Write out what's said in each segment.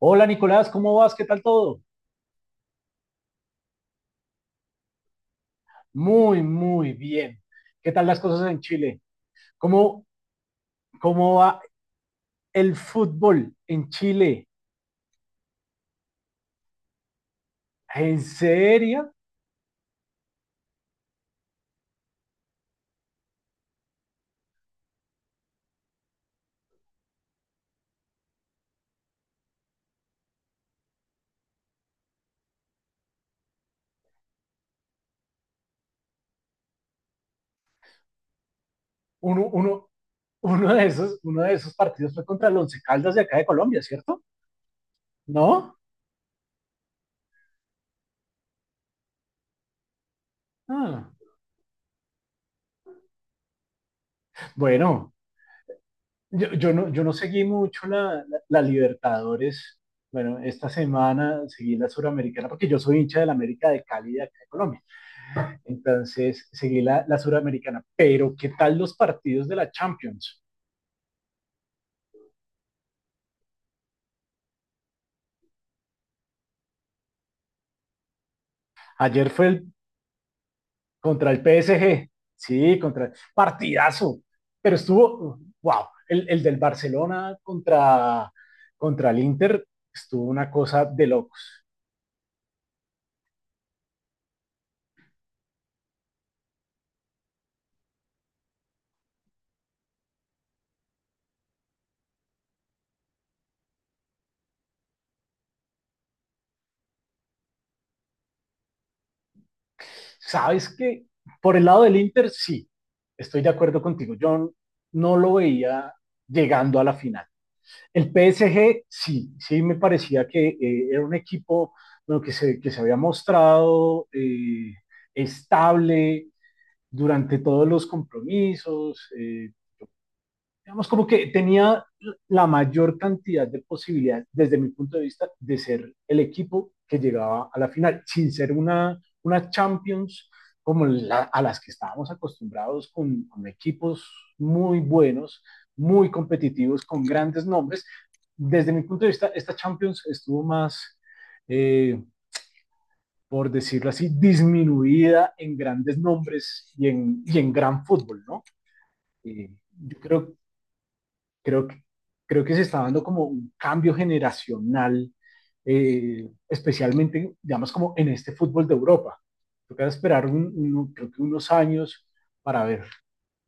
Hola Nicolás, ¿cómo vas? ¿Qué tal todo? Muy, muy bien. ¿Qué tal las cosas en Chile? ¿Cómo, cómo va el fútbol en Chile? ¿En serio? Uno, uno, uno de esos partidos fue contra el Once Caldas de acá de Colombia, ¿cierto? ¿No? Ah, bueno, yo no seguí mucho la Libertadores. Bueno, esta semana seguí la Suramericana porque yo soy hincha de la América de Cali de acá de Colombia. Entonces, seguí la suramericana. Pero, ¿qué tal los partidos de la Champions? Ayer fue contra el PSG. Sí, contra partidazo. Pero estuvo, wow, el del Barcelona contra, contra el Inter estuvo una cosa de locos. ¿Sabes que Por el lado del Inter, sí, estoy de acuerdo contigo. Yo no lo veía llegando a la final. El PSG sí, sí me parecía que era un equipo bueno, que se había mostrado estable durante todos los compromisos, digamos, como que tenía la mayor cantidad de posibilidades, desde mi punto de vista, de ser el equipo que llegaba a la final, sin ser una Champions como la, a las que estábamos acostumbrados con equipos muy buenos, muy competitivos, con grandes nombres. Desde mi punto de vista, esta Champions estuvo más, eh, por decirlo así, disminuida en grandes nombres y en gran fútbol, ¿no? Eh, yo creo Creo creo que se está dando como un cambio generacional, especialmente, digamos, como en este fútbol de Europa. Toca esperar creo que unos años para ver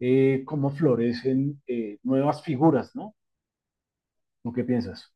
cómo florecen nuevas figuras, ¿no? ¿Tú qué piensas?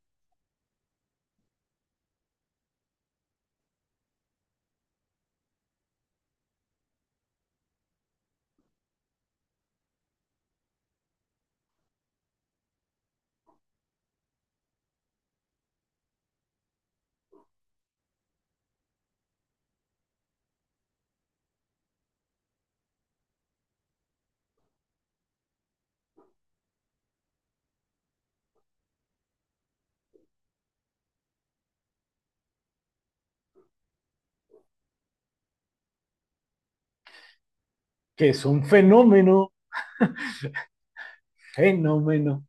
Que es un fenómeno, fenómeno.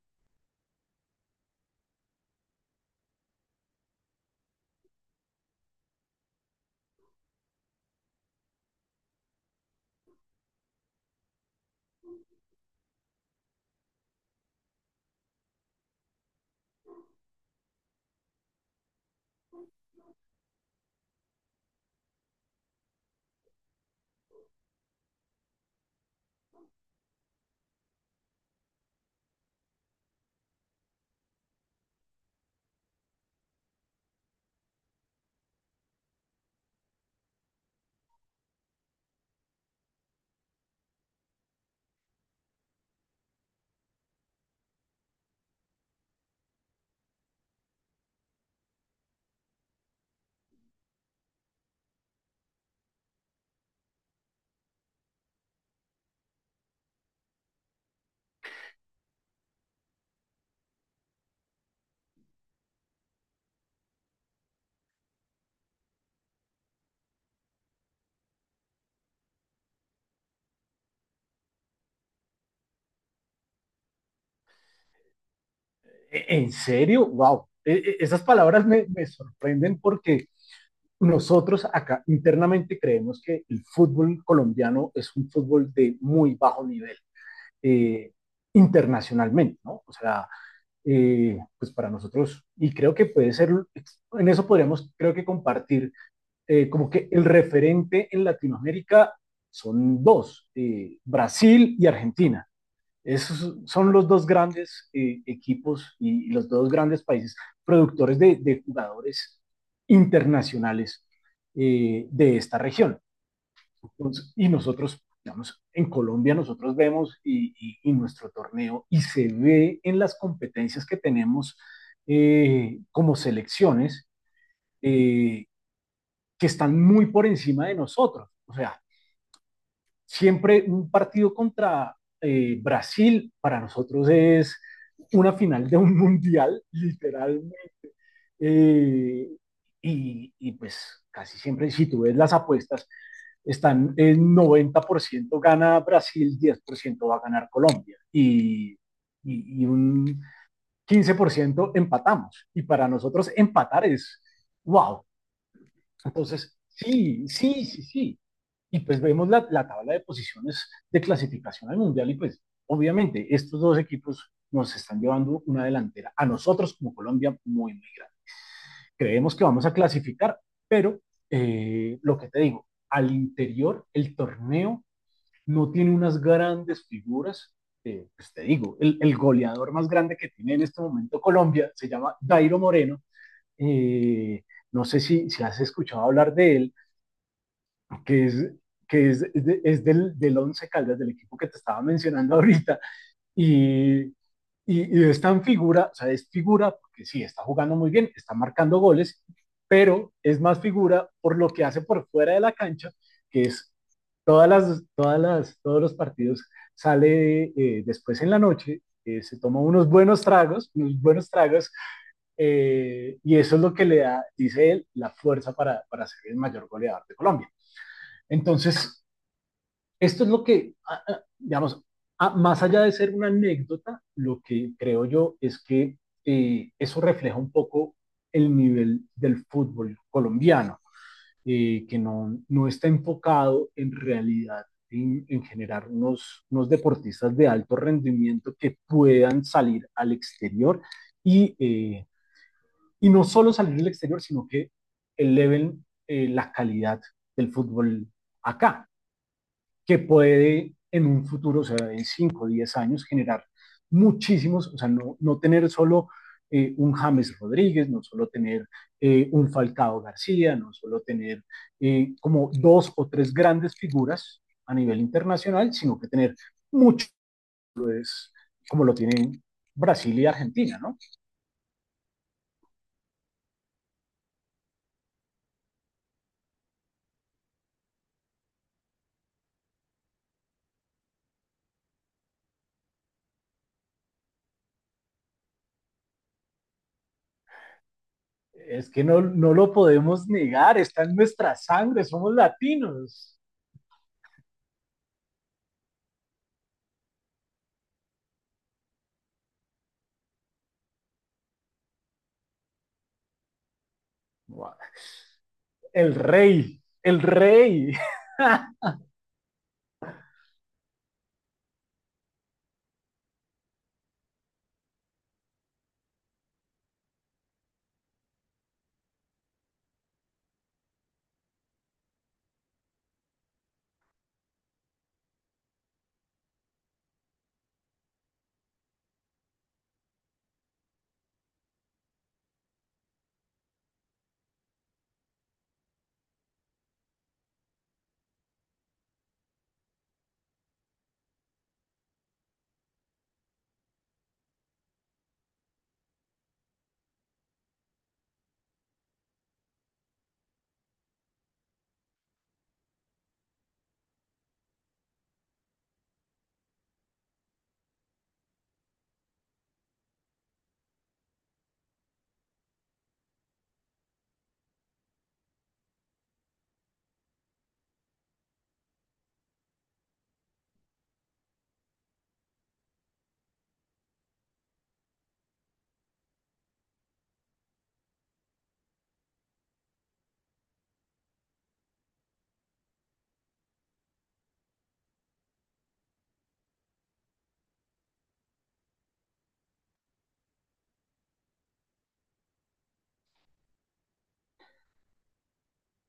¿En serio? ¡Wow! Esas palabras me, me sorprenden porque nosotros acá internamente creemos que el fútbol colombiano es un fútbol de muy bajo nivel. eh, Internacionalmente, ¿no? O sea, pues para nosotros, y creo que puede ser, en eso podríamos, creo que compartir, como que el referente en Latinoamérica son dos, Brasil y Argentina. Esos son los dos grandes equipos los dos grandes países productores de jugadores internacionales de esta región. Entonces, y nosotros, digamos, en Colombia nosotros vemos y nuestro torneo y se ve en las competencias que tenemos como selecciones, eh, que están muy por encima de nosotros. O sea, siempre un partido contra Brasil para nosotros es una final de un mundial, literalmente. Eh, y, y pues casi siempre, si tú ves las apuestas, están en 90% gana Brasil, 10% va a ganar Colombia y un 15% empatamos. Y para nosotros empatar es wow. Entonces, sí, sí, sí, sí. Y pues vemos la tabla de posiciones de clasificación al Mundial y pues obviamente estos dos equipos nos están llevando una delantera a nosotros como Colombia muy, muy grande. Creemos que vamos a clasificar, pero lo que te digo, al interior el torneo no tiene unas grandes figuras. Pues te digo, goleador más grande que tiene en este momento Colombia se llama Dairo Moreno. Eh, no sé si, si has escuchado hablar de él, que es, que es, de, es del Once Caldas, del equipo que te estaba mencionando ahorita. Y, y, y está en figura, o sea, es figura porque sí, está jugando muy bien, está marcando goles, pero es más figura por lo que hace por fuera de la cancha, que es todos los partidos sale después en la noche, se toma unos buenos tragos, y eso es lo que le da, dice él, la fuerza para ser el mayor goleador de Colombia. Entonces, esto es lo que, digamos, más allá de ser una anécdota, lo que creo yo es que eso refleja un poco el nivel del fútbol colombiano, que no, no está enfocado en realidad en generar unos deportistas de alto rendimiento que puedan salir al exterior y, eh, y no solo salir al exterior, sino que eleven la calidad del fútbol acá, que puede en un futuro, o sea, en 5 o 10 años, generar muchísimos, o sea, no, no tener solo un James Rodríguez, no solo tener un Falcao García, no solo tener como dos o tres grandes figuras a nivel internacional, sino que tener muchos, como lo tienen Brasil y Argentina, ¿no? Es que no, no lo podemos negar, está en nuestra sangre, somos latinos. El rey, el rey.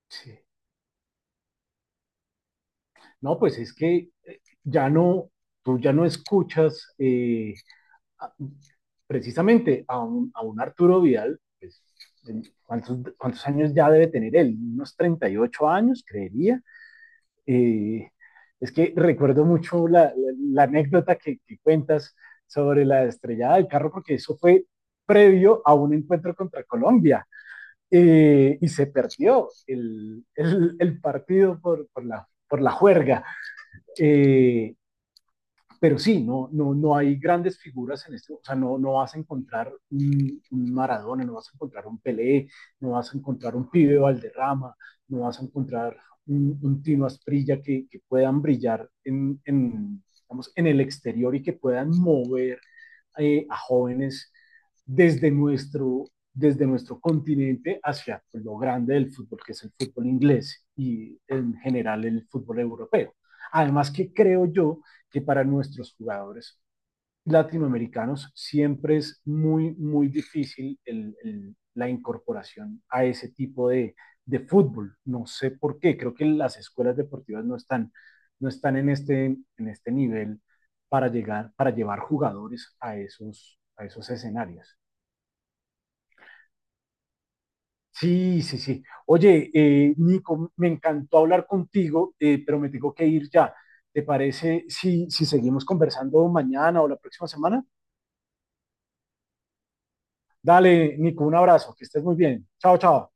Sí. No, pues es que tú ya no escuchas a- precisamente a a un Arturo Vidal, pues, ¿cuántos, cuántos años ya debe tener él? Unos 38 años, creería. Eh, es que recuerdo mucho la anécdota que cuentas sobre la estrellada del carro, porque eso fue previo a un encuentro contra Colombia, y se perdió el partido por la juerga. Eh, pero sí, no, no, no hay grandes figuras en esto, o sea, no, no vas a encontrar un Maradona, no vas a encontrar un Pelé, no vas a encontrar un Pibe Valderrama, no vas a encontrar un Tino Asprilla que puedan brillar en, digamos, en el exterior y que puedan mover a jóvenes desde nuestro, desde nuestro continente hacia pues, lo grande del fútbol, que es el fútbol inglés y en general el fútbol europeo. Además que creo yo que para nuestros jugadores latinoamericanos, siempre es muy, muy difícil la incorporación a ese tipo de, fútbol. No sé por qué, creo que las escuelas deportivas no están, no están en este nivel para, llegar, para llevar jugadores a esos escenarios. Sí, sí, sí. Oye, Nico, me encantó hablar contigo, pero me tengo que ir ya. ¿Te parece si, si seguimos conversando mañana o la próxima semana? Dale, Nico, un abrazo, que estés muy bien. Chao, chao.